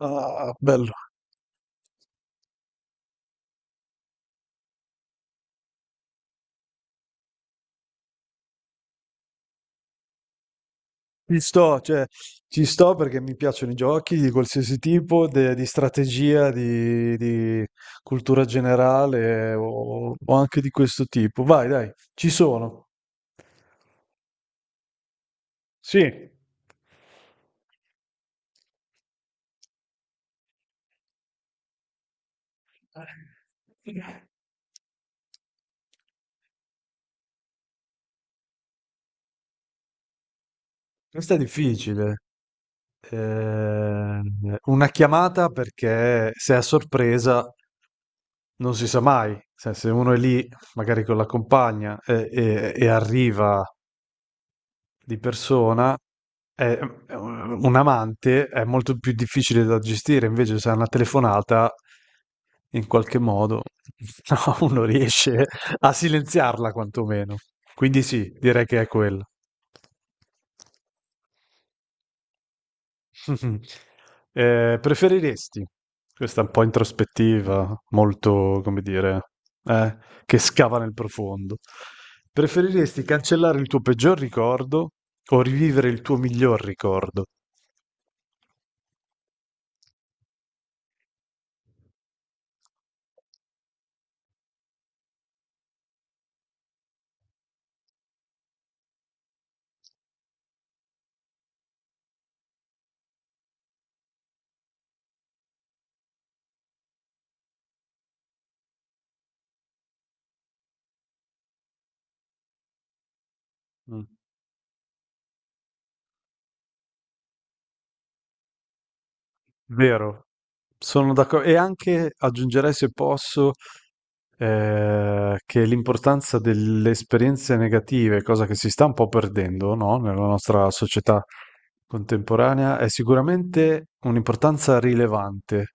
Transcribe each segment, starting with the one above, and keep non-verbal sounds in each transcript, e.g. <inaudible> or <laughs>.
Ah, bello. Ci sto, cioè, ci sto perché mi piacciono i giochi di qualsiasi tipo, di strategia, di cultura generale o anche di questo tipo. Vai, dai, ci sono. Sì. Questa è difficile. Una chiamata perché se è a sorpresa non si sa mai. Cioè, se uno è lì, magari con la compagna, e arriva di persona, è- è un amante è molto più difficile da gestire, invece se è una telefonata, in qualche modo, <laughs> no, uno riesce a silenziarla quantomeno. Quindi sì, direi che è quello. <laughs> Preferiresti questa è un po' introspettiva, molto, come dire, eh, che scava nel profondo. Preferiresti cancellare il tuo peggior ricordo o rivivere il tuo miglior ricordo? Mm. Vero, sono d'accordo. E anche aggiungerei, se posso, che l'importanza delle esperienze negative, cosa che si sta un po' perdendo, no? Nella nostra società contemporanea, è sicuramente un'importanza rilevante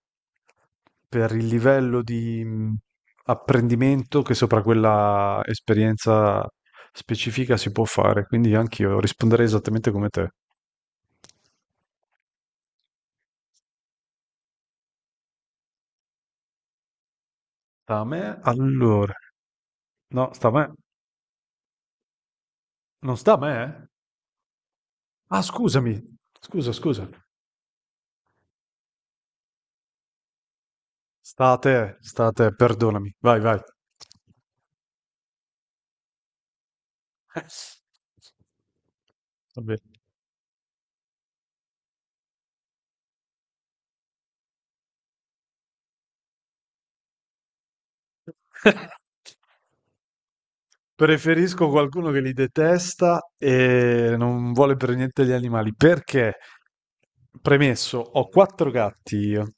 per il livello di apprendimento che sopra quella esperienza specifica si può fare. Quindi anch'io risponderei esattamente come te. Sta a me? Allora, no, sta a me. Non sta a me? Eh? Ah, scusami, scusa, scusa. Sta a te, perdonami. Vai, vai. Vabbè. <laughs> Preferisco qualcuno che li detesta e non vuole per niente gli animali. Perché? Premesso, ho quattro gatti io.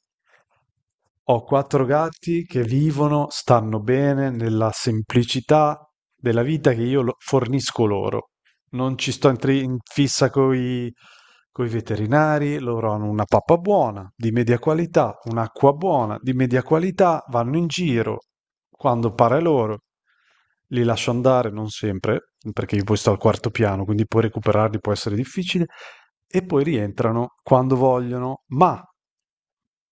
Ho quattro gatti che vivono, stanno bene nella semplicità della vita che io lo- fornisco loro. Non ci sto in fissa coi veterinari. Loro hanno una pappa buona, di media qualità, un'acqua buona, di media qualità, vanno in giro quando pare loro. Li lascio andare, non sempre, perché io poi sto al quarto piano, quindi poi recuperarli può essere difficile, e poi rientrano quando vogliono, ma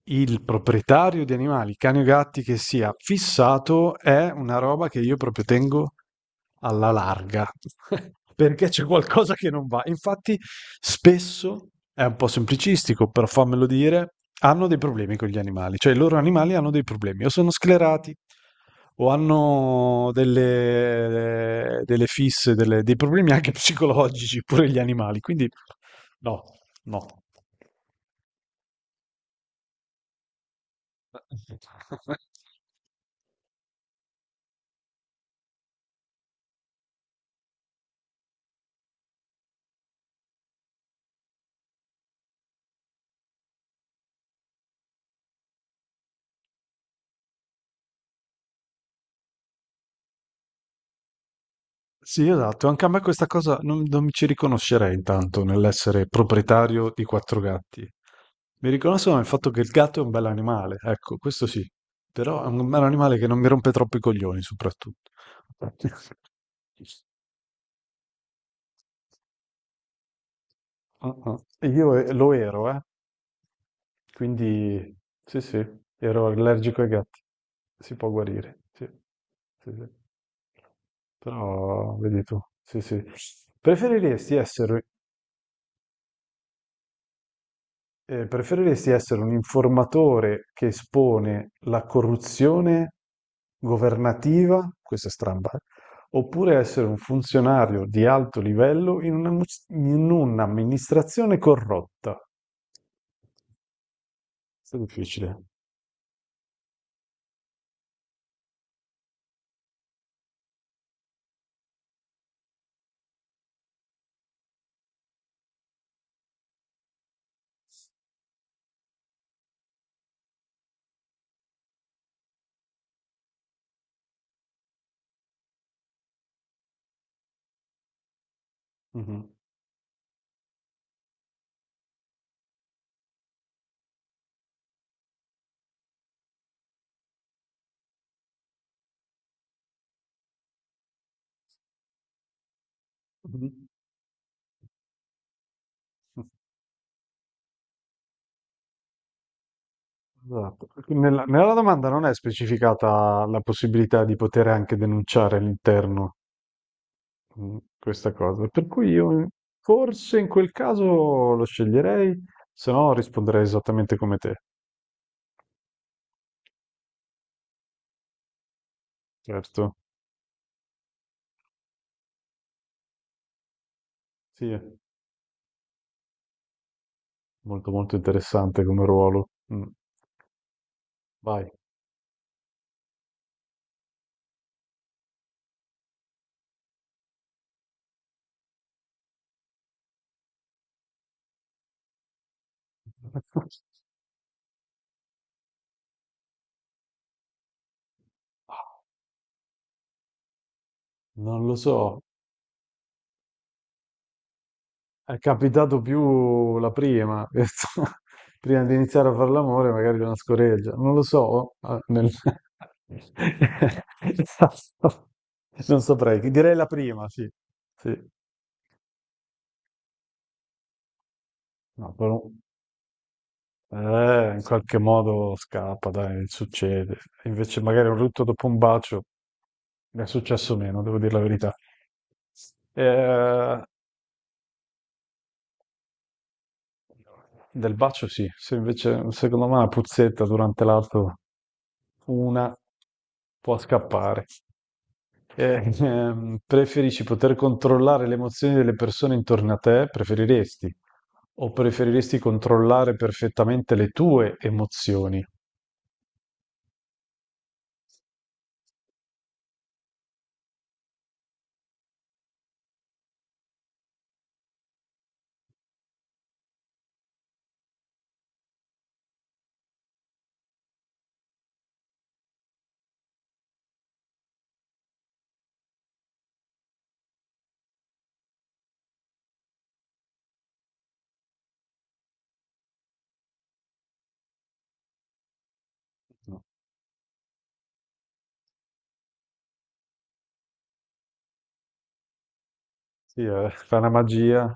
il proprietario di animali, cani o gatti che sia fissato, è una roba che io proprio tengo alla larga, <laughs> perché c'è qualcosa che non va. Infatti, spesso è un po' semplicistico, però fammelo dire, hanno dei problemi con gli animali, cioè i loro animali hanno dei problemi, o sono sclerati, o hanno delle fisse, dei problemi anche psicologici, pure gli animali, quindi no, no. <laughs> Sì, esatto, anche a me questa cosa non mi ci riconoscerei intanto nell'essere proprietario di quattro gatti. Mi riconosco nel fatto che il gatto è un bel animale, ecco, questo sì, però è un bel animale che non mi rompe troppo i coglioni, soprattutto. <laughs> Ah, ah. E io lo ero, quindi sì, sì, ero allergico ai gatti, si può guarire, sì, sì, sì. Però, vedi tu, sì, sì. Preferiresti essere preferiresti essere un informatore che espone la corruzione governativa, questa è stramba, oppure essere un funzionario di alto livello in un'amministrazione corrotta? Questo è difficile. Mhm. Mhm. Esatto. Nella domanda non è specificata la possibilità di poter anche denunciare all'interno questa cosa. Per cui io forse in quel caso lo sceglierei, se no risponderei esattamente come te. Certo. Sì, è molto molto interessante come ruolo. Vai. <laughs> Non lo so, è capitato più la prima. <laughs> Prima di iniziare a fare l'amore, magari una scoreggia. Non lo so. <laughs> Non saprei. Direi la prima, sì. Sì. No, in qualche modo scappa, dai, succede. Invece magari un rutto dopo un bacio mi è successo meno, devo dire la verità. Eh, del bacio sì, se invece secondo me una puzzetta durante l'atto, una può scappare. Preferisci poter controllare le emozioni delle persone intorno a te? Preferiresti? O preferiresti controllare perfettamente le tue emozioni? No. Sì, fa una magia.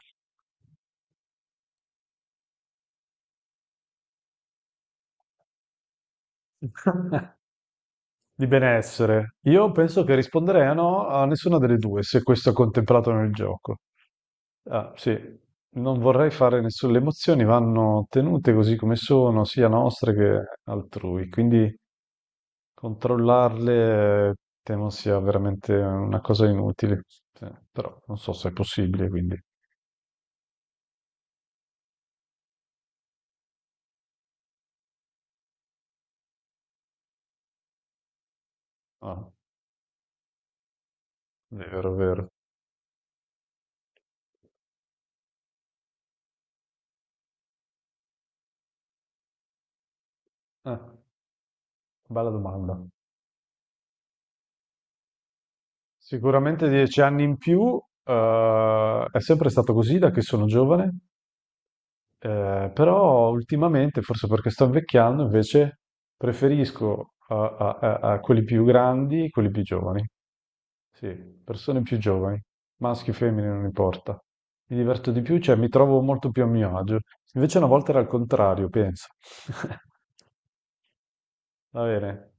<laughs> Di benessere. Io penso che risponderei a no a nessuna delle due, se questo è contemplato nel gioco. Ah, sì, non vorrei fare nessuna... Le emozioni vanno tenute così come sono, sia nostre che altrui, quindi controllarle temo sia veramente una cosa inutile. Sì, però non so se è possibile, quindi... Ah, vero, vero. Eh, bella domanda. Sicuramente 10 anni in più, è sempre stato così da che sono giovane. Però ultimamente, forse perché sto invecchiando, invece preferisco a quelli più grandi, quelli più giovani. Sì, persone più giovani, maschi o femmine, non importa. Mi diverto di più, cioè mi trovo molto più a mio agio. Invece una volta era al contrario, penso. <laughs> Va bene,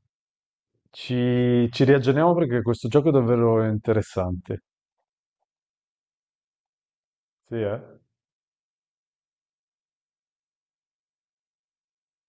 ci riaggiorniamo perché questo gioco è davvero interessante. Sì, eh?